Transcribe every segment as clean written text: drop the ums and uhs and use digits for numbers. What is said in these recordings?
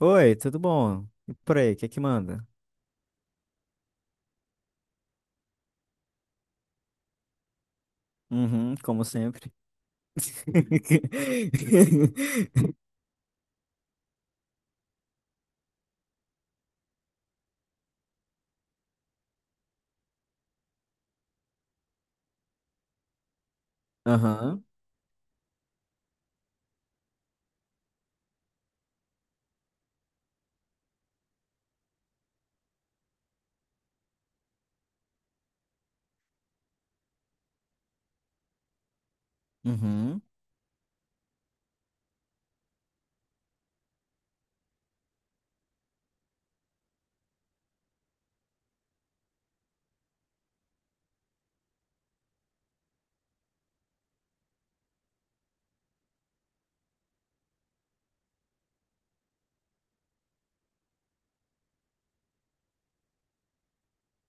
Oi, tudo bom? E por aí, o que é que manda? Uhum, como sempre. Aham, uhum,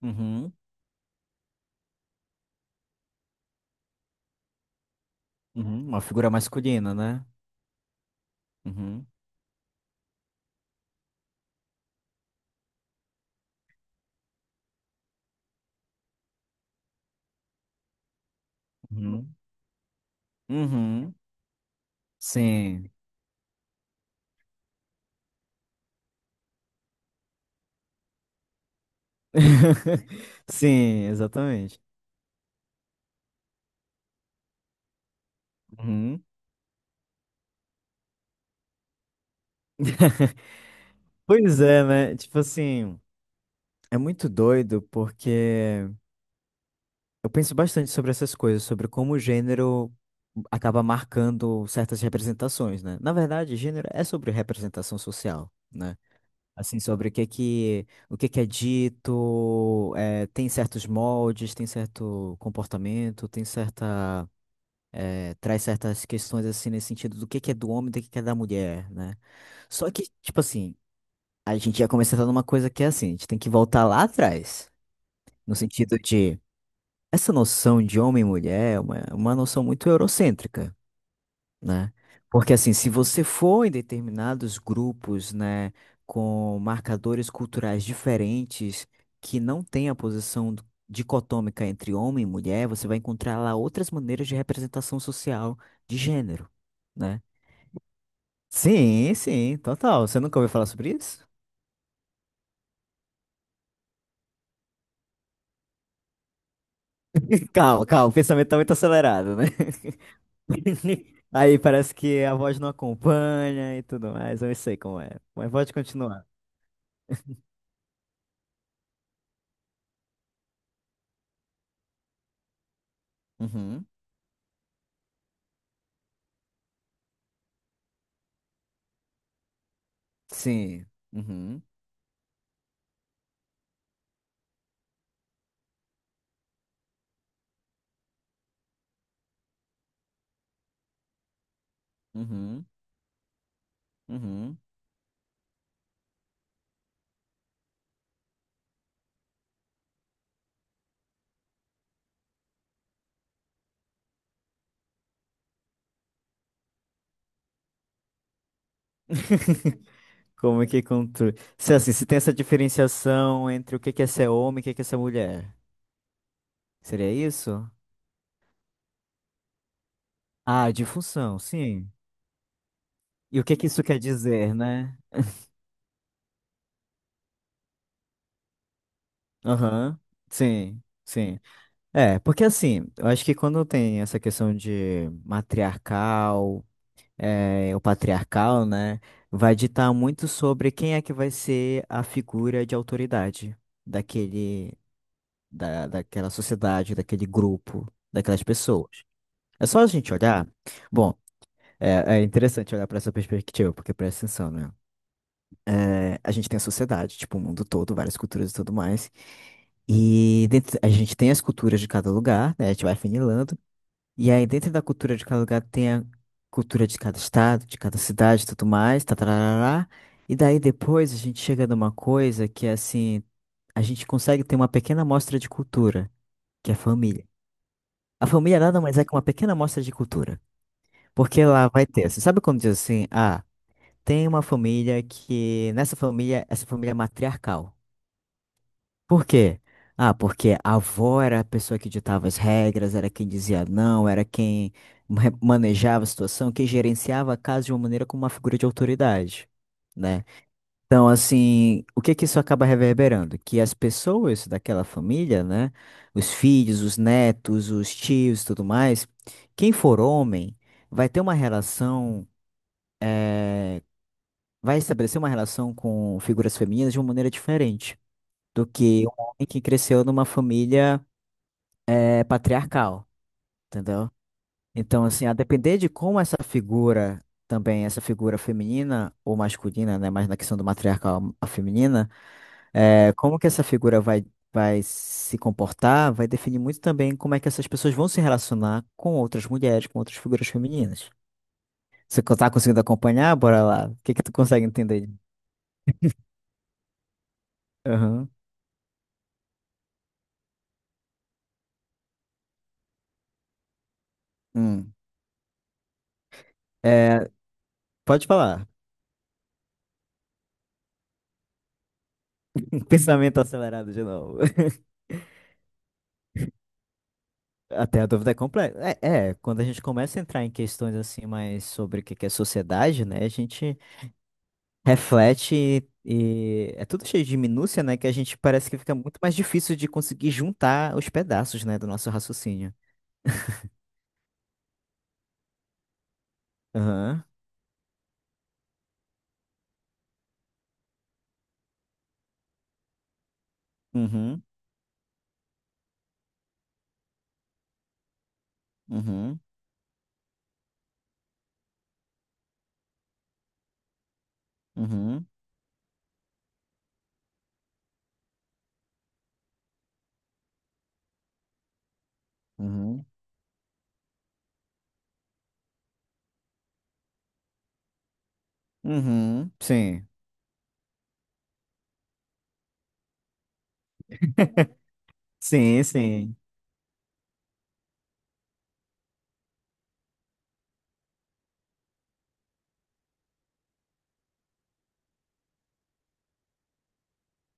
uhum, uhum, uma figura masculina, né? Uhum, uhum, uhum, sim. Sim, exatamente. Uhum. Pois é, né? Tipo assim, é muito doido porque eu penso bastante sobre essas coisas, sobre como o gênero acaba marcando certas representações, né? Na verdade, gênero é sobre representação social, né? Assim, sobre o que é que, o que é dito, tem certos moldes, tem certo comportamento, tem certa, traz certas questões, assim, nesse sentido do que é do homem, do que é da mulher, né? Só que, tipo assim, a gente já começa a entrar numa coisa que é assim, a gente tem que voltar lá atrás, no sentido de... Essa noção de homem e mulher é uma noção muito eurocêntrica, né? Porque, assim, se você for em determinados grupos, né, com marcadores culturais diferentes, que não tem a posição dicotômica entre homem e mulher, você vai encontrar lá outras maneiras de representação social de gênero, né? Sim, sim, total. Você nunca ouviu falar sobre isso? Calma, calma, o pensamento tá muito acelerado, né? Aí parece que a voz não acompanha e tudo mais. Eu não sei como é. Mas pode continuar. Uhum. Sim. Uhum. Uhum. Uhum. Como é que controle? Se assim, se tem essa diferenciação entre o que que é ser homem e o que que é ser mulher. Seria isso? Ah, de função, sim. E o que que isso quer dizer, né? Aham. Sim. Sim. É, porque assim, eu acho que quando tem essa questão de matriarcal, é, o patriarcal, né, vai ditar muito sobre quem é que vai ser a figura de autoridade daquele daquela sociedade, daquele grupo, daquelas pessoas. É só a gente olhar. Bom, é, é interessante olhar para essa perspectiva, porque presta atenção, né? É, a gente tem a sociedade, tipo, o mundo todo, várias culturas e tudo mais. E dentro, a gente tem as culturas de cada lugar, né? A gente vai afunilando. E aí, dentro da cultura de cada lugar, tem a cultura de cada estado, de cada cidade e tudo mais, tatarará. E daí, depois, a gente chega numa coisa que, é assim, a gente consegue ter uma pequena amostra de cultura, que é a família. A família nada mais é que uma pequena amostra de cultura. Porque lá vai ter, você sabe quando diz assim, ah, tem uma família que, nessa família, essa família é matriarcal. Por quê? Ah, porque a avó era a pessoa que ditava as regras, era quem dizia não, era quem manejava a situação, quem gerenciava a casa de uma maneira como uma figura de autoridade, né? Então, assim, o que que isso acaba reverberando? Que as pessoas daquela família, né? Os filhos, os netos, os tios e tudo mais, quem for homem vai ter uma relação, eh, vai estabelecer uma relação com figuras femininas de uma maneira diferente do que um homem que cresceu numa família, patriarcal, entendeu? Então, assim, a depender de como essa figura, também essa figura feminina ou masculina, né? Mas na questão do matriarcal, a feminina. É, como que essa figura vai, vai se comportar vai definir muito também como é que essas pessoas vão se relacionar com outras mulheres, com outras figuras femininas. Você tá conseguindo acompanhar? Bora lá. O que que tu consegue entender? Aham. Hum. É, pode falar. Pensamento acelerado de novo. Até a dúvida é complexa. É, é, quando a gente começa a entrar em questões assim mais sobre o que que é sociedade, né? A gente reflete e é tudo cheio de minúcia, né? Que a gente parece que fica muito mais difícil de conseguir juntar os pedaços, né, do nosso raciocínio. Aham. Uhum. Uhum. Uhum. Uhum. Uhum. Sim. Sim, sim.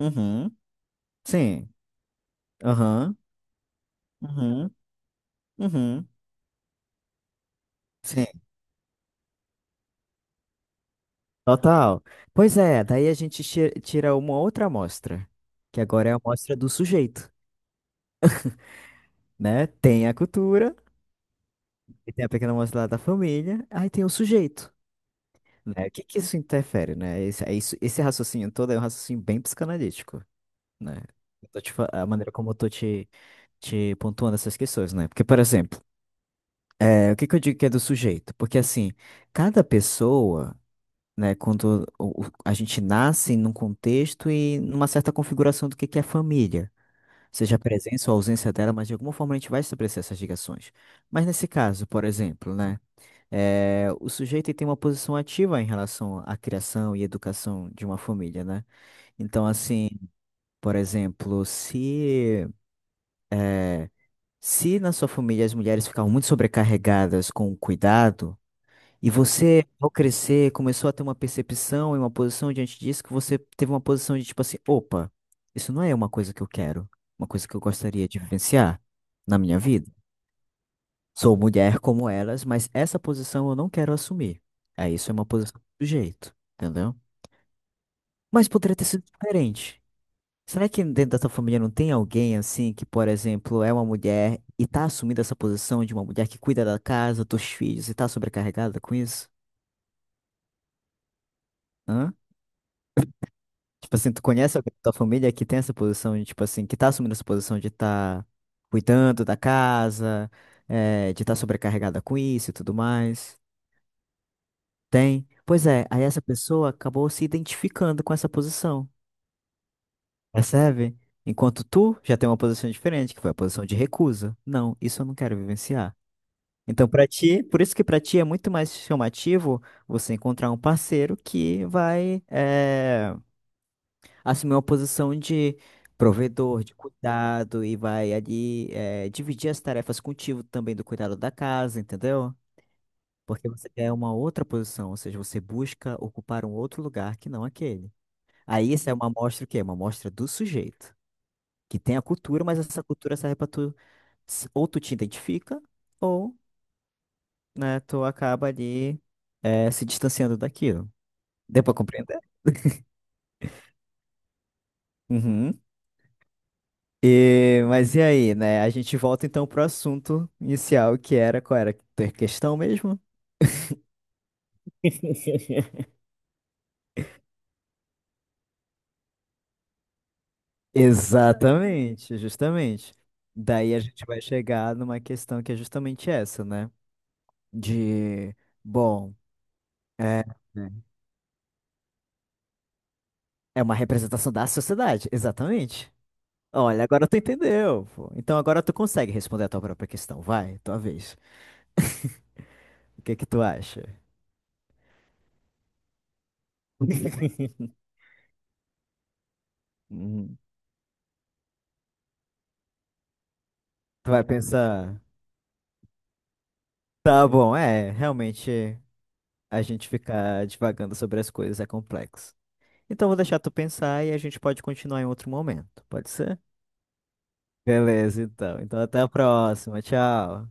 Uhum. Sim. Aham. Uhum. Uhum. Sim. Total. Pois é, daí a gente tira uma outra amostra, que agora é a amostra do sujeito, né? Tem a cultura, e tem a pequena amostra lá da família, aí tem o sujeito. Né? O que que isso interfere, né? Esse, é isso, esse raciocínio todo é um raciocínio bem psicanalítico, né? Eu tô te a maneira como eu tô te, te pontuando essas questões, né? Porque, por exemplo, é, o que que eu digo que é do sujeito? Porque, assim, cada pessoa, né, quando a gente nasce num contexto e numa certa configuração do que é família, seja a presença ou a ausência dela, mas de alguma forma a gente vai estabelecer essas ligações. Mas nesse caso, por exemplo, né? É, o sujeito ele tem uma posição ativa em relação à criação e educação de uma família, né? Então, assim, por exemplo, se na sua família as mulheres ficavam muito sobrecarregadas com o cuidado, e você, ao crescer, começou a ter uma percepção e uma posição diante disso, que você teve uma posição de tipo assim, opa, isso não é uma coisa que eu quero, uma coisa que eu gostaria de vivenciar na minha vida. Sou mulher como elas, mas essa posição eu não quero assumir. Aí isso é uma posição do sujeito, entendeu? Mas poderia ter sido diferente. Será que dentro da tua família não tem alguém assim que, por exemplo, é uma mulher e tá assumindo essa posição de uma mulher que cuida da casa, dos filhos e tá sobrecarregada com isso? Hã? Tipo assim, tu conhece alguém da tua família que tem essa posição de, tipo assim, que tá assumindo essa posição de tá cuidando da casa, de tá sobrecarregada com isso e tudo mais? Tem? Pois é, aí essa pessoa acabou se identificando com essa posição. Percebe? Enquanto tu já tem uma posição diferente, que foi a posição de recusa. Não, isso eu não quero vivenciar. Então, para ti, por isso que para ti é muito mais chamativo você encontrar um parceiro que vai assumir uma posição de provedor, de cuidado e vai ali dividir as tarefas contigo também do cuidado da casa, entendeu? Porque você quer uma outra posição, ou seja, você busca ocupar um outro lugar que não aquele. Aí, isso é uma amostra o quê? Uma amostra do sujeito que tem a cultura, mas essa cultura serve pra tu, ou tu te identifica, ou, né, tu acaba ali se distanciando daquilo. Deu pra compreender? Uhum. E, mas e aí, né? A gente volta então pro assunto inicial, que era qual era a questão mesmo? Exatamente, justamente. Daí a gente vai chegar numa questão que é justamente essa, né? De, bom, é, é uma representação da sociedade, exatamente. Olha, agora tu entendeu, pô. Então agora tu consegue responder a tua própria questão. Vai, tua vez. O que que tu acha? Hum, tu vai pensar. Tá bom, é, realmente a gente ficar divagando sobre as coisas é complexo. Então vou deixar tu pensar e a gente pode continuar em outro momento, pode ser? Beleza, então. Então até a próxima. Tchau.